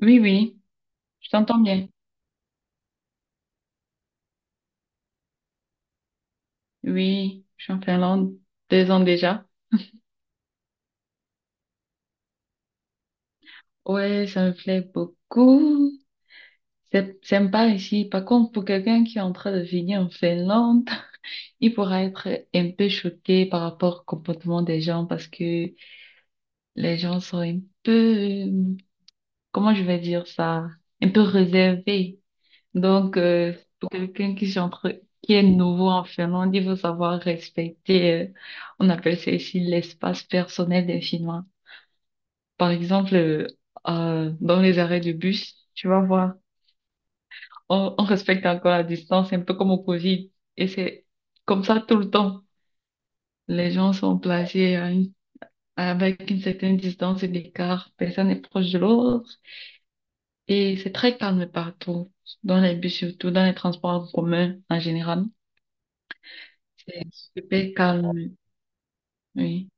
Oui, oui, je t'entends bien. Oui, je suis en Finlande 2 ans déjà. Ouais, ça me plaît beaucoup. C'est sympa ici. Par contre, pour quelqu'un qui est en train de venir en Finlande, il pourra être un peu choqué par rapport au comportement des gens parce que les gens sont un peu, euh, comment je vais dire ça, un peu réservés. Donc, pour quelqu'un qui est nouveau en Finlande, il faut savoir respecter, on appelle ça ici l'espace personnel des Finnois. Par exemple, dans les arrêts de bus, tu vas voir, on respecte encore la distance, un peu comme au Covid. Et c'est comme ça tout le temps. Les gens sont placés avec une certaine distance et d'écart. Personne n'est proche de l'autre. Et c'est très calme partout, dans les bus surtout, dans les transports en commun en général. C'est super calme, oui.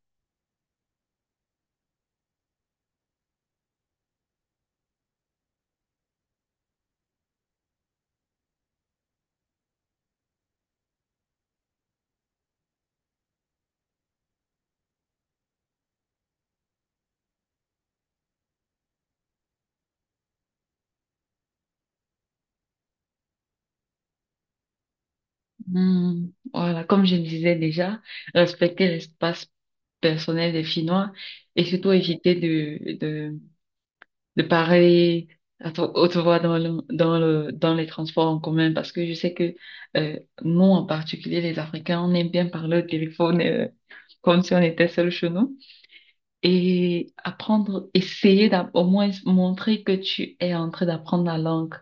Hmm, voilà, comme je disais déjà, respecter l'espace personnel des Finnois et surtout éviter de parler à haute voix dans les transports en commun, parce que je sais que nous, en particulier les Africains, on aime bien parler au téléphone comme si on était seul chez nous, et apprendre, au moins montrer que tu es en train d'apprendre la langue.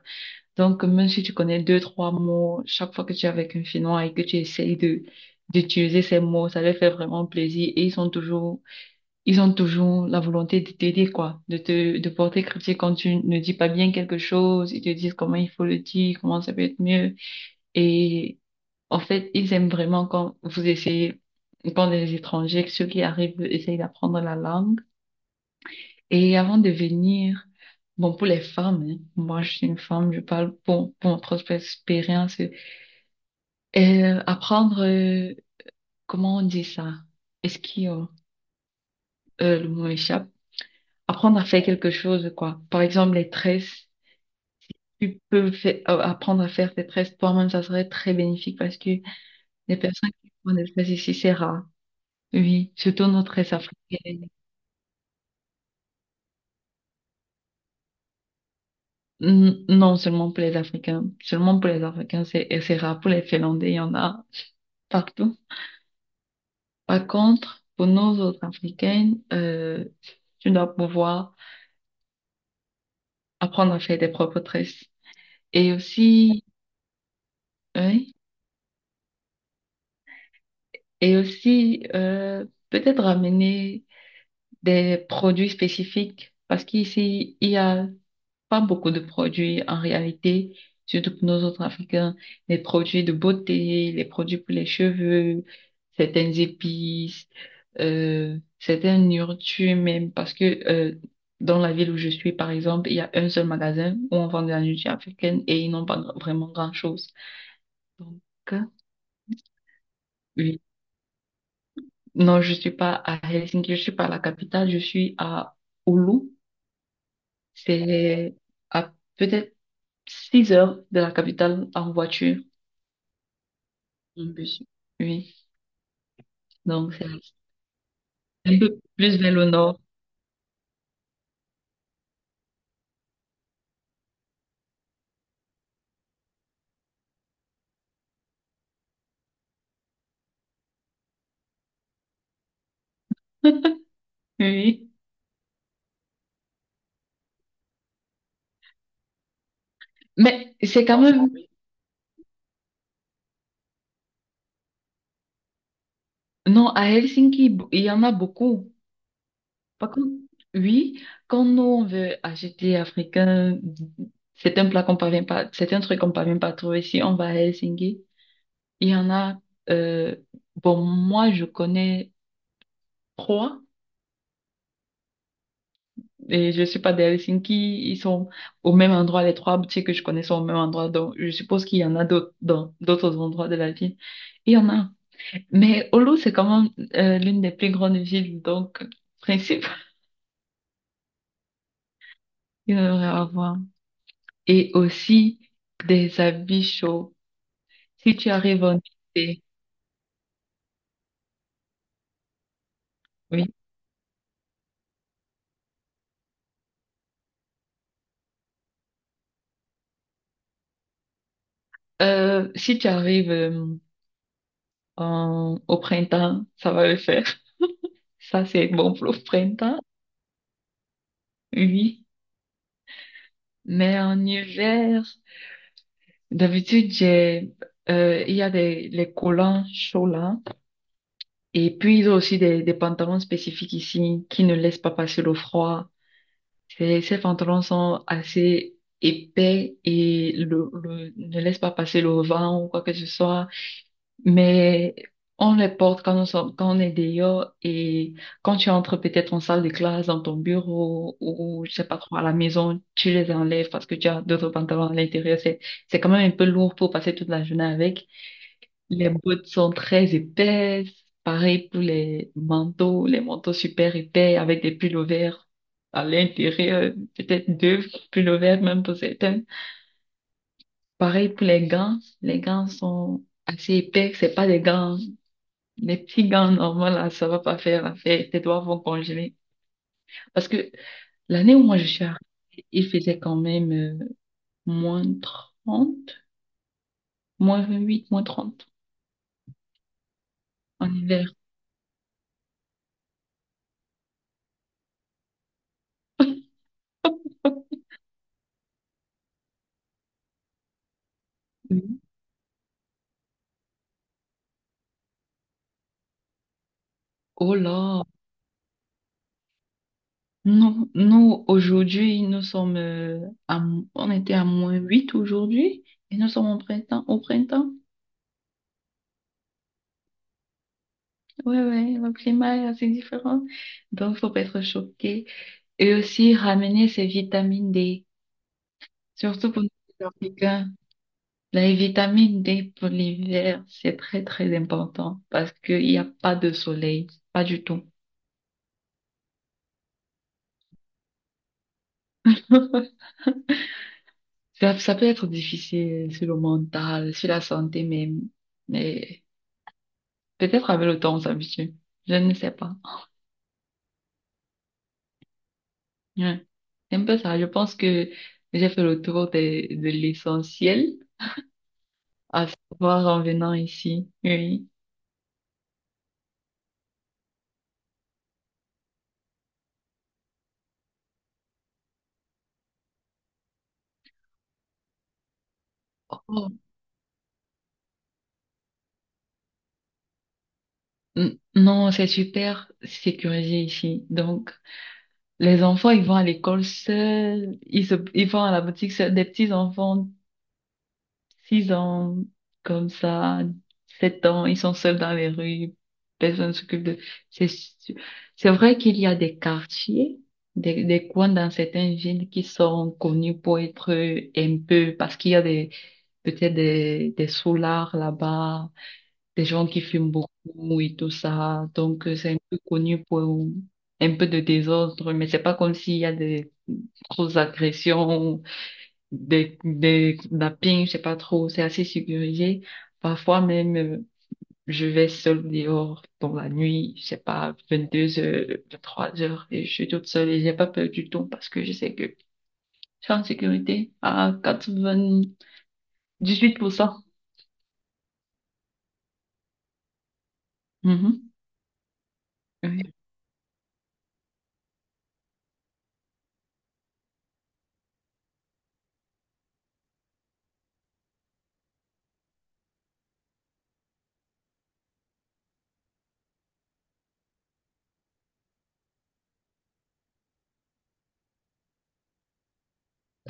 Donc, même si tu connais deux, trois mots, chaque fois que tu es avec un Finnois et que tu essayes de d'utiliser ces mots, ça leur fait vraiment plaisir et ils ont toujours la volonté de t'aider, quoi, de porter critique quand tu ne dis pas bien quelque chose. Ils te disent comment il faut le dire, comment ça peut être mieux. Et en fait, ils aiment vraiment quand vous essayez, quand les étrangers, ceux qui arrivent, essayent d'apprendre la langue. Et avant de venir, bon, pour les femmes, hein, moi, je suis une femme, je parle pour ma propre expérience. Apprendre, comment on dit ça? Est-ce qu'il y a- Le mot échappe. Apprendre à faire quelque chose, quoi. Par exemple, les tresses. Tu peux apprendre à faire tes tresses toi-même, ça serait très bénéfique parce que les personnes qui font des tresses ici, c'est rare. Oui, surtout nos tresses africaines. Non, seulement pour les Africains. Seulement pour les Africains, c'est rare. Pour les Finlandais, il y en a partout. Par contre, pour nos autres Africaines, tu dois pouvoir apprendre à faire tes propres tresses. Et aussi, oui, et aussi, peut-être ramener des produits spécifiques parce qu'ici, il y a pas beaucoup de produits en réalité, surtout pour nos autres Africains. Les produits de beauté, les produits pour les cheveux, certaines épices, certaines nourritures même, parce que euh, dans la ville où je suis, par exemple, il y a un seul magasin où on vend de la nourriture africaine et ils n'ont pas vraiment grand-chose. Donc, euh, oui. Non, je suis pas à Helsinki, je suis pas à la capitale, je suis à Oulu. C'est à peut-être 6 heures de la capitale en voiture, en bus. Oui, donc c'est un peu plus vers le nord. Oui, mais c'est quand même... Non, à Helsinki, il y en a beaucoup. Par contre, oui, quand nous, on veut acheter africain, c'est un plat qu'on parvient pas, c'est un truc qu'on parvient pas à trouver. Si on va à Helsinki, il y en a... euh, bon, moi, je connais trois. Et je suis pas d'Helsinki, ils sont au même endroit, les trois boutiques que je connais sont au même endroit, donc je suppose qu'il y en a d'autres dans d'autres endroits de la ville. Il y en a. Mais Oulu, c'est quand même l'une des plus grandes villes, donc principe, il devrait avoir. Et aussi des habits chauds. Si tu arrives en été, oui. Si tu arrives au printemps, ça va le faire. Ça, c'est bon pour le printemps, oui. Mais en hiver. D'habitude, il y a des les collants chauds là. Et puis, ils ont aussi des pantalons spécifiques ici qui ne laissent pas passer le froid. Ces pantalons sont assez épais et ne laissent pas passer le vent ou quoi que ce soit. Mais on les porte quand on sort, quand on est dehors, et quand tu entres peut-être en salle de classe, dans ton bureau ou je sais pas trop à la maison, tu les enlèves parce que tu as d'autres pantalons à l'intérieur. C'est quand même un peu lourd pour passer toute la journée avec. Les bottes sont très épaisses. Pareil pour les manteaux super épais avec des pullovers à l'intérieur, peut-être deux pullovers même pour certaines. Pareil pour les gants. Les gants sont assez épais. C'est pas des gants, les petits gants normaux là, ça va pas faire l'affaire. Tes doigts vont congeler. Parce que l'année où moi je suis arrivée, il faisait quand même -30, -28, -30 en hiver. Oh là, non, nous, aujourd'hui, nous sommes, à m- on était à -8 aujourd'hui, et nous sommes au printemps, au printemps. Ouais, ouais, le climat est assez différent. Donc, faut pas être choqué. Et aussi, ramener ses vitamines D. Surtout pour les Africains. La vitamine D pour l'hiver, c'est très, très important parce qu'il n'y a pas de soleil. Pas du tout. Ça peut être difficile sur le mental, sur la santé même. Mais peut-être avec le temps, on s'habitue. Je ne sais pas. Ouais. C'est un peu ça. Je pense que j'ai fait le tour de l'essentiel, à savoir en venant ici. Oui. Oh, non, c'est super sécurisé ici. Donc, les enfants, ils vont à l'école seuls, ils vont à la boutique seuls. Des petits enfants, 6 ans, comme ça, 7 ans, ils sont seuls dans les rues, personne ne s'occupe de... C'est, su- c'est vrai qu'il y a des quartiers, des coins dans certaines villes qui sont connus pour être un peu, parce qu'il y a peut-être des soulards là-bas, des gens qui fument beaucoup et tout ça, donc c'est un peu connu pour un peu de désordre, mais c'est pas comme s'il y a des grosses agressions, des nappings, je sais pas trop, c'est assez sécurisé. Parfois même, je vais seule dehors dans la nuit, je sais pas, 22 heures, 23 heures, et je suis toute seule et j'ai pas peur du tout parce que je sais que je suis en sécurité à 98%. Mhm, oui.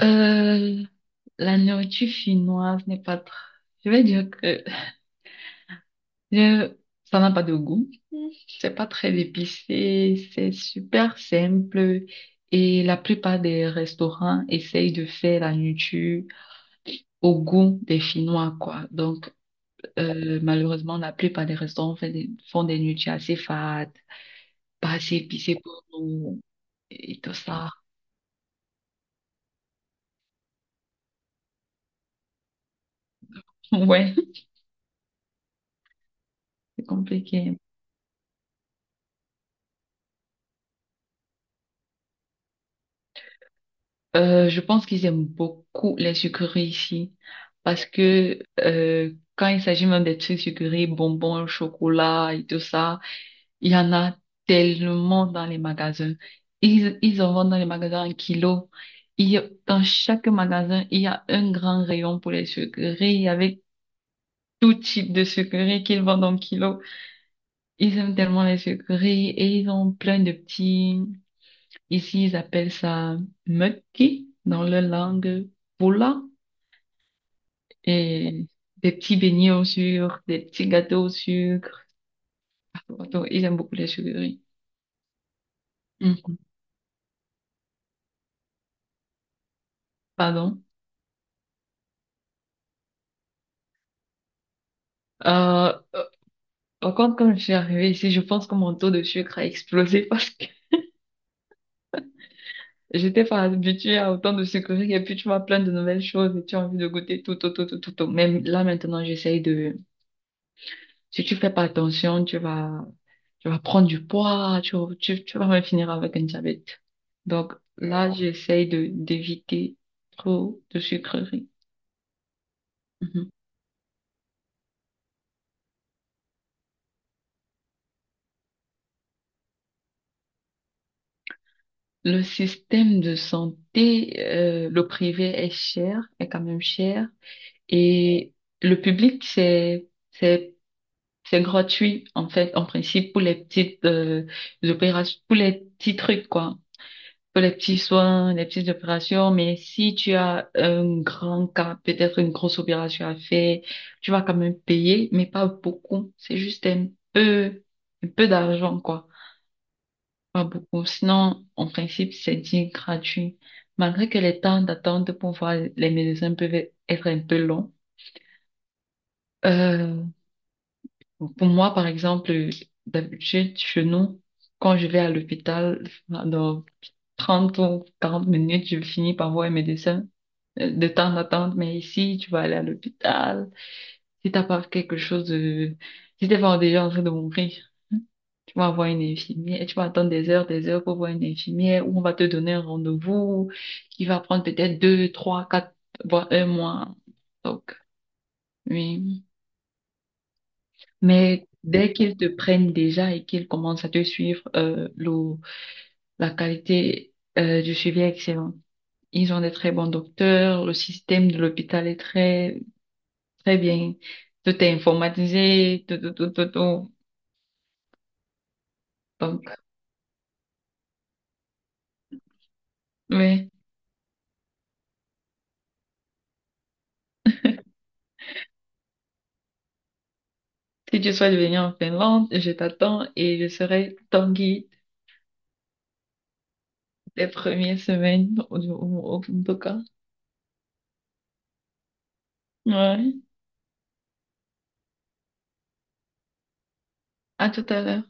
Euh, la nourriture chinoise n'est pas tr-. Je vais dire que Je- ça n'a pas de goût. C'est pas très épicé. C'est super simple. Et la plupart des restaurants essayent de faire la nourriture au goût des Finnois, quoi. Donc, malheureusement, la plupart des restaurants font font des nourritures assez fades, pas assez épicées pour nous. Et tout ça. Ouais, c'est compliqué. Je pense qu'ils aiment beaucoup les sucreries ici parce que quand il s'agit même des trucs sucrés, bonbons, chocolat et tout ça, il y en a tellement dans les magasins. Ils en vendent dans les magasins en kilo. Dans chaque magasin, il y a un grand rayon pour les sucreries avec tout type de sucreries qu'ils vendent en kilo. Ils aiment tellement les sucreries et ils ont plein de petits... Ici, ils appellent ça mukki dans leur langue. Poula. Et des petits beignets au sucre, des petits gâteaux au sucre. Pardon, ils aiment beaucoup les sucreries. Mm. Pardon. Euh, euh, par contre, quand je suis arrivée ici, je pense que mon taux de sucre a explosé parce que j'étais pas habituée à autant de sucreries et puis tu vois plein de nouvelles choses et tu as envie de goûter tout, tout, tout, tout, tout, tout. Même là, maintenant, j'essaye de, si tu fais pas attention, tu vas, prendre du poids, tu vas même finir avec un diabète. Donc là, j'essaye d'éviter trop de sucreries. Mhm. Le système de santé, le privé est cher, est quand même cher, et le public, c'est, c'est gratuit, en fait, en principe, pour les petites, opérations, pour les petits trucs, quoi, pour les petits soins, les petites opérations. Mais si tu as un grand cas, peut-être une grosse opération à faire, tu vas quand même payer, mais pas beaucoup, c'est juste peu, un peu d'argent, quoi. Pas beaucoup. Sinon, en principe, c'est dit gratuit. Malgré que les temps d'attente pour voir les médecins peuvent être un peu longs. Euh, pour moi, par exemple, d'habitude, chez nous, quand je vais à l'hôpital, dans 30 ou 40 minutes, je finis par voir un médecin de temps d'attente. Mais ici, tu vas aller à l'hôpital. Si t'as pas quelque chose de... Si t'es pas déjà en train de mourir, tu vas voir une infirmière et tu vas attendre des heures pour voir une infirmière où on va te donner un rendez-vous qui va prendre peut-être deux, trois, quatre, voire un mois. Donc, oui. Mais dès qu'ils te prennent déjà et qu'ils commencent à te suivre, la qualité, du suivi est excellente. Ils ont des très bons docteurs, le système de l'hôpital est très, très bien. Tout est informatisé, tout, tout, tout, tout, tout. Donc, oui. Si tu souhaites venir en Finlande, je t'attends et je serai ton guide des premières semaines, en tout cas. Ouais. À tout à l'heure.